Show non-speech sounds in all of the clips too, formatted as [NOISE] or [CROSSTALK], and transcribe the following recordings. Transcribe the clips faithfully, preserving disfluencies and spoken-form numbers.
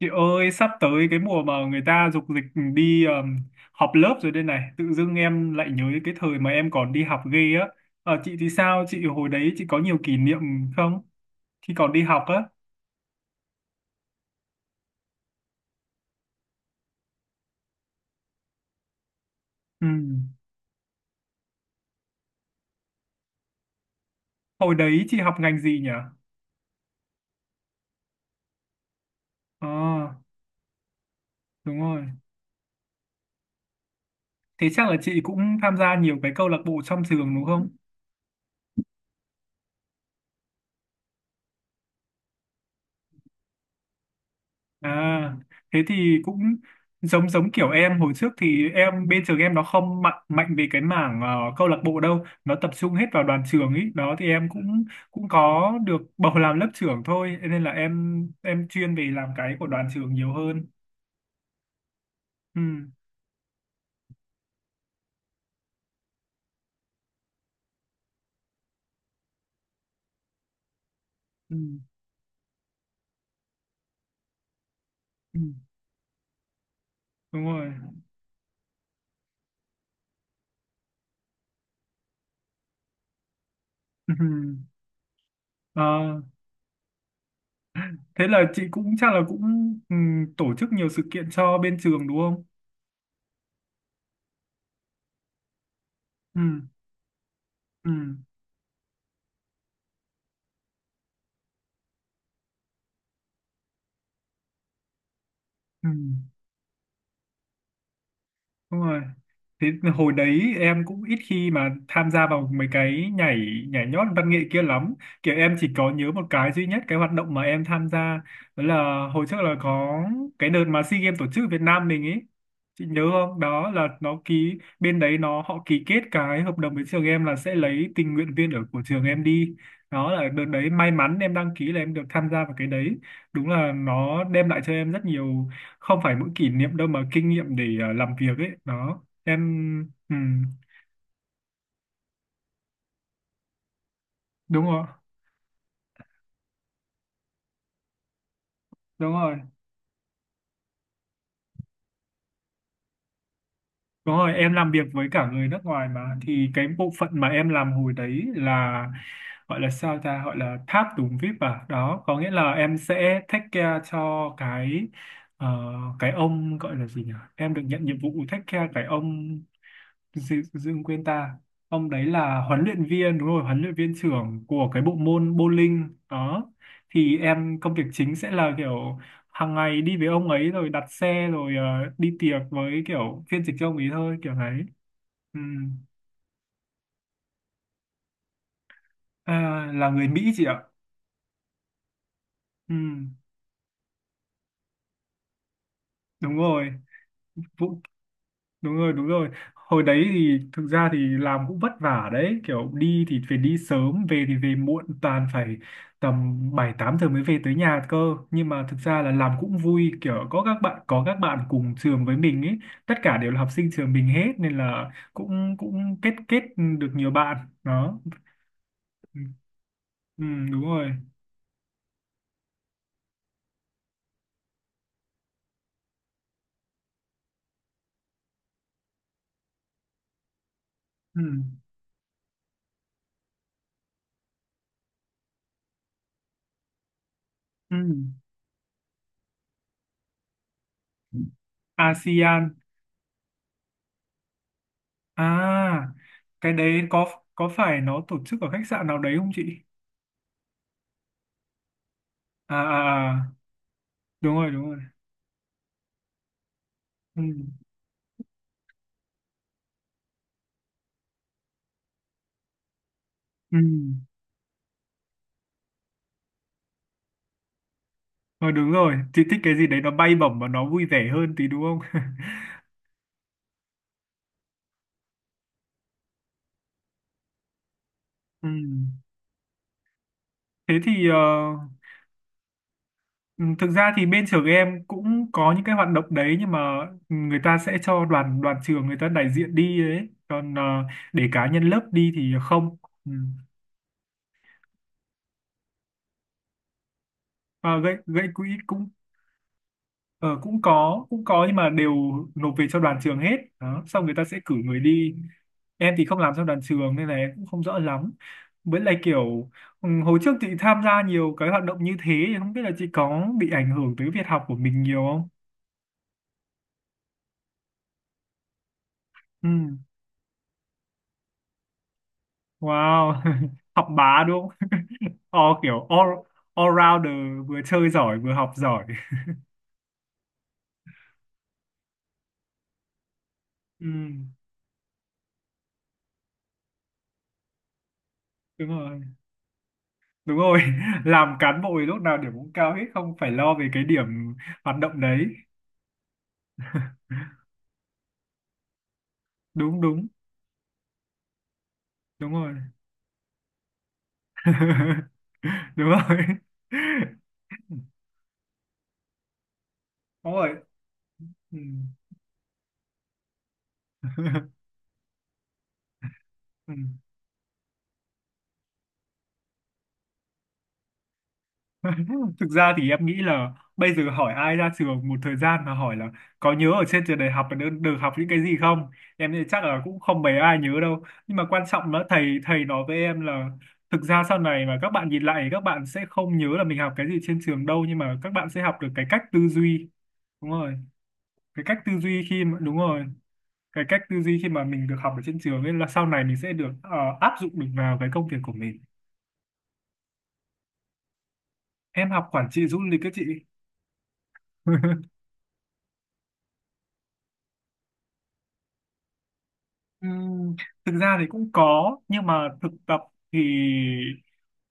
Chị ơi, sắp tới cái mùa mà người ta dục dịch đi um, học lớp rồi đây này, tự dưng em lại nhớ cái thời mà em còn đi học ghê á. Ờ, chị thì sao? Chị hồi đấy chị có nhiều kỷ niệm không? Khi còn đi học á. Ừ. Hồi đấy chị học ngành gì nhỉ? Ờ, đúng rồi. Thế chắc là chị cũng tham gia nhiều cái câu lạc bộ trong trường đúng không? À, thế thì cũng giống giống kiểu em hồi trước thì em bên trường em nó không mạnh mạnh về cái mảng ờ, câu lạc bộ đâu, nó tập trung hết vào đoàn trường ý. Đó thì em cũng cũng có được bầu làm lớp trưởng thôi, nên là em em chuyên về làm cái của đoàn trường nhiều hơn. Ừ, ừ, ừ, đúng rồi. [LAUGHS] Ừ. Ờ, thế là chị cũng chắc là cũng ừ, tổ chức nhiều sự kiện cho bên trường đúng không? Ừ, ừ, ừ, đúng rồi. Thế hồi đấy em cũng ít khi mà tham gia vào mấy cái nhảy nhảy nhót văn nghệ kia lắm. Kiểu em chỉ có nhớ một cái duy nhất cái hoạt động mà em tham gia đó là hồi trước là có cái đợt mà SEA Games tổ chức ở Việt Nam mình ấy. Chị nhớ không? Đó là nó ký bên đấy nó họ ký kết cái hợp đồng với trường em là sẽ lấy tình nguyện viên ở của trường em đi. Đó là đợt đấy may mắn em đăng ký là em được tham gia vào cái đấy. Đúng là nó đem lại cho em rất nhiều không phải mỗi kỷ niệm đâu mà kinh nghiệm để ờ, làm việc ấy. Đó em ừ, đúng rồi đúng rồi đúng rồi em làm việc với cả người nước ngoài mà thì cái bộ phận mà em làm hồi đấy là gọi là sao ta gọi là tháp tùng vi ai pi à, đó có nghĩa là em sẽ take care cho cái ờ, cái ông gọi là gì nhỉ, em được nhận nhiệm vụ take care cái ông Dương, Dương quên ta, ông đấy là huấn luyện viên, đúng rồi huấn luyện viên trưởng của cái bộ môn bowling đó, thì em công việc chính sẽ là kiểu hàng ngày đi với ông ấy rồi đặt xe rồi ờ, đi tiệc với kiểu phiên dịch cho ông ấy thôi kiểu đấy ừ. À, là người Mỹ chị ạ. Ừ. Đúng rồi Vũ, đúng rồi đúng rồi, hồi đấy thì thực ra thì làm cũng vất vả đấy, kiểu đi thì phải đi sớm về thì về muộn, toàn phải tầm bảy tám giờ mới về tới nhà cơ, nhưng mà thực ra là làm cũng vui, kiểu có các bạn có các bạn cùng trường với mình ấy, tất cả đều là học sinh trường mình hết nên là cũng cũng kết kết được nhiều bạn đó ừ, đúng rồi ừ, ừ. a sê an à, cái đấy có có phải nó tổ chức ở khách sạn nào đấy không chị? À à à. Đúng rồi đúng rồi ừ. Ừ. Ờ, đúng rồi chị thích cái gì đấy nó bay bổng và nó vui vẻ hơn tí đúng không? [LAUGHS] Ừ. Thế thì ờ, ừ, thực ra thì bên trường em cũng có những cái hoạt động đấy nhưng mà người ta sẽ cho đoàn đoàn trường người ta đại diện đi đấy còn ờ, để cá nhân lớp đi thì không ừ. Ờ, gây gây quỹ cũng ờ, cũng có cũng có nhưng mà đều nộp về cho đoàn trường hết đó xong người ta sẽ cử người đi, em thì không làm cho đoàn trường nên là em cũng không rõ lắm với lại kiểu ừ, hồi trước chị tham gia nhiều cái hoạt động như thế thì không biết là chị có bị ảnh hưởng tới việc học của mình nhiều không? Ừ. Wow [LAUGHS] học bá đúng không? [LAUGHS] O kiểu all, all rounder, vừa chơi giỏi vừa học giỏi ừ. Đúng rồi đúng rồi. [LAUGHS] Làm cán bộ thì lúc nào điểm cũng cao hết, không phải lo về cái điểm hoạt động đấy, đúng đúng đúng rồi. [LAUGHS] Đúng rồi đúng rồi ừ. [LAUGHS] Ừ. [LAUGHS] Thực ra thì em nghĩ là bây giờ hỏi ai ra trường một thời gian mà hỏi là có nhớ ở trên trường đại học được, được học những cái gì không, em nghĩ chắc là cũng không mấy ai nhớ đâu, nhưng mà quan trọng là thầy thầy nói với em là thực ra sau này mà các bạn nhìn lại các bạn sẽ không nhớ là mình học cái gì trên trường đâu nhưng mà các bạn sẽ học được cái cách tư duy, đúng rồi cái cách tư duy khi mà đúng rồi cái cách tư duy khi mà mình được học ở trên trường ấy là sau này mình sẽ được ờ, áp dụng được vào cái công việc của mình. Em học quản trị du lịch các chị. [LAUGHS] Thực ra thì cũng có nhưng mà thực tập thì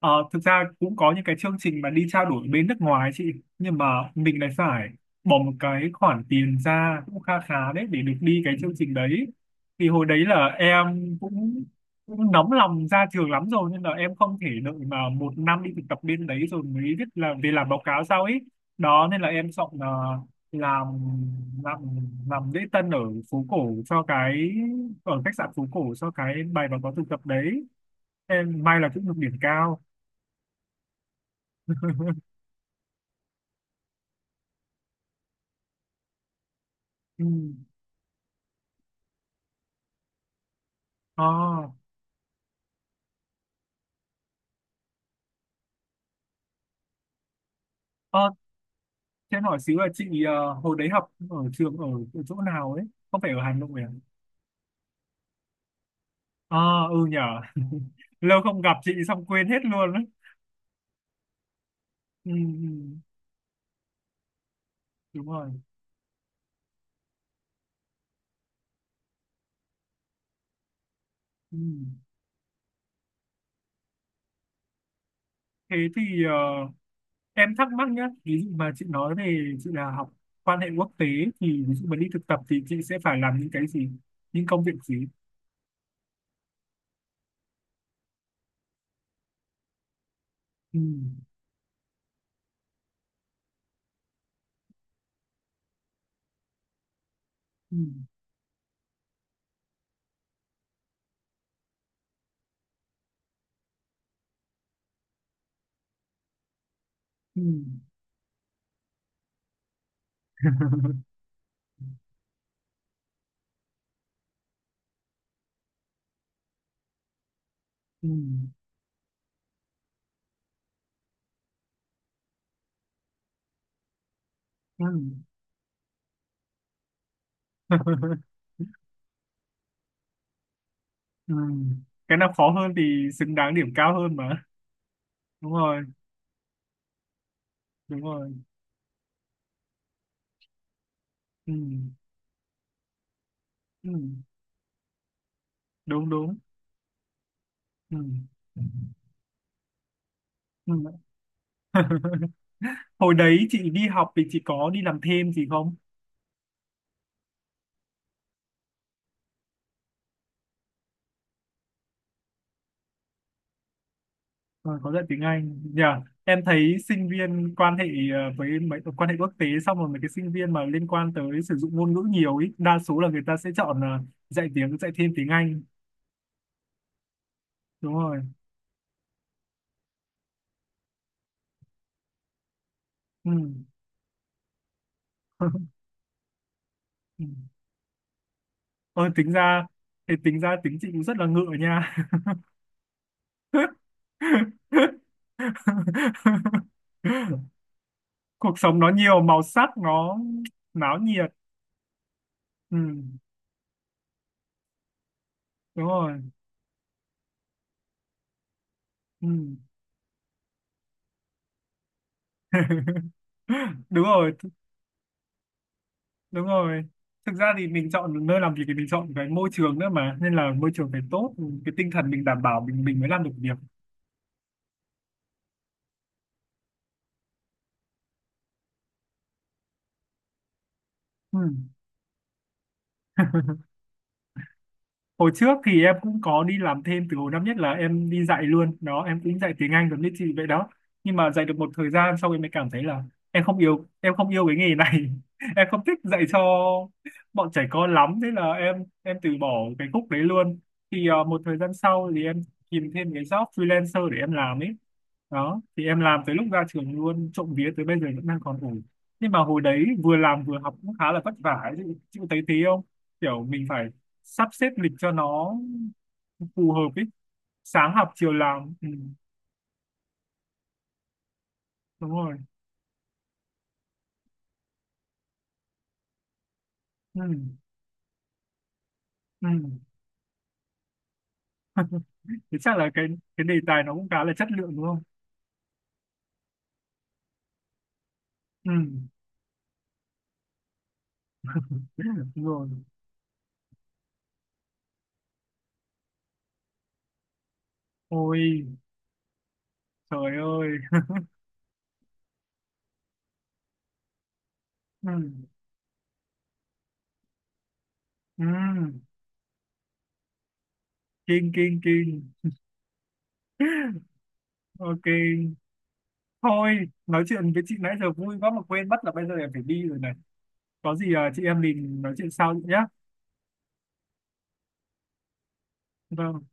ờ, thực ra cũng có những cái chương trình mà đi trao đổi bên nước ngoài ấy chị, nhưng mà mình lại phải bỏ một cái khoản tiền ra cũng kha khá đấy để được đi cái chương trình đấy, thì hồi đấy là em cũng cũng nóng lòng ra trường lắm rồi nên là em không thể đợi mà một năm đi thực tập bên đấy rồi mới biết là về làm báo cáo sau ấy, đó nên là em chọn ờ, làm làm làm lễ tân ở phố cổ cho cái ở khách sạn phố cổ cho cái bài báo cáo thực tập đấy, em may là cũng được điểm cao ừ. Ờ ờ cho em hỏi xíu là chị ờ, hồi đấy học ở trường ở, ở chỗ nào ấy, không phải ở Hà Nội à? Ờ ừ nhở. [LAUGHS] Lâu không gặp chị xong quên hết luôn ấy. Ừ, ừ, đúng rồi ừ. Thế thì ờ, em thắc mắc nhá, ví dụ mà chị nói về chị là học quan hệ quốc tế thì ví dụ mà đi thực tập thì chị sẽ phải làm những cái gì, những công việc gì? Ừ. Ừ. Ừ. [LAUGHS] Ừ. Ừ. [LAUGHS] Ừ. Cái nào khó hơn thì xứng đáng điểm cao hơn mà. Đúng rồi, đúng rồi. Ừ. Ừ. Đúng đúng. Ừ. Ừ. [LAUGHS] Hồi đấy chị đi học thì chị có đi làm thêm gì không? Ờ, có dạy tiếng Anh. Nhờ em thấy sinh viên quan hệ ờ, với mấy quan hệ quốc tế xong rồi mấy cái sinh viên mà liên quan tới sử dụng ngôn ngữ nhiều ý, đa số là người ta sẽ chọn ờ, dạy tiếng dạy thêm tiếng Anh. Đúng rồi. Ừ. [LAUGHS] Ừ. Ôi, tính ra thì tính ra tính chị cũng rất là ngựa nha. [LAUGHS] Cuộc sống nó nhiều màu sắc, nó náo nhiệt. Ừ, đúng rồi. Ừ. Đúng rồi, th- đúng rồi. Thực ra thì mình chọn nơi làm việc thì mình chọn cái môi trường nữa mà, nên là môi trường phải tốt, cái tinh thần mình đảm bảo mình mình mới làm được việc. Ừ. Hồi trước thì em cũng có đi làm thêm từ hồi năm nhất là em đi dạy luôn đó, em cũng dạy tiếng Anh giống như chị vậy đó, nhưng mà dạy được một thời gian sau em mới cảm thấy là em không yêu em không yêu cái nghề này, [LAUGHS] em không thích dạy cho bọn trẻ con lắm thế là em em từ bỏ cái khúc đấy luôn, thì ờ, một thời gian sau thì em tìm thêm cái job freelancer để em làm ấy, đó thì em làm tới lúc ra trường luôn, trộm vía tới bây giờ vẫn đang còn ổn, nhưng mà hồi đấy vừa làm vừa học cũng khá là vất vả ấy. chị, chị có thấy thế không? Kiểu mình phải sắp xếp lịch cho nó phù hợp ý, sáng học chiều làm ừ, đúng rồi ừ, ừ. Thế chắc là cái cái đề tài nó cũng khá là chất lượng đúng không? Ừ, đúng rồi. Ôi trời ơi ừ, ừ. Kinh kinh kinh. OK, thôi nói chuyện với chị nãy giờ vui quá mà quên mất là bây giờ em phải đi rồi này, có gì à, chị em mình nói chuyện sau nhé. Vâng.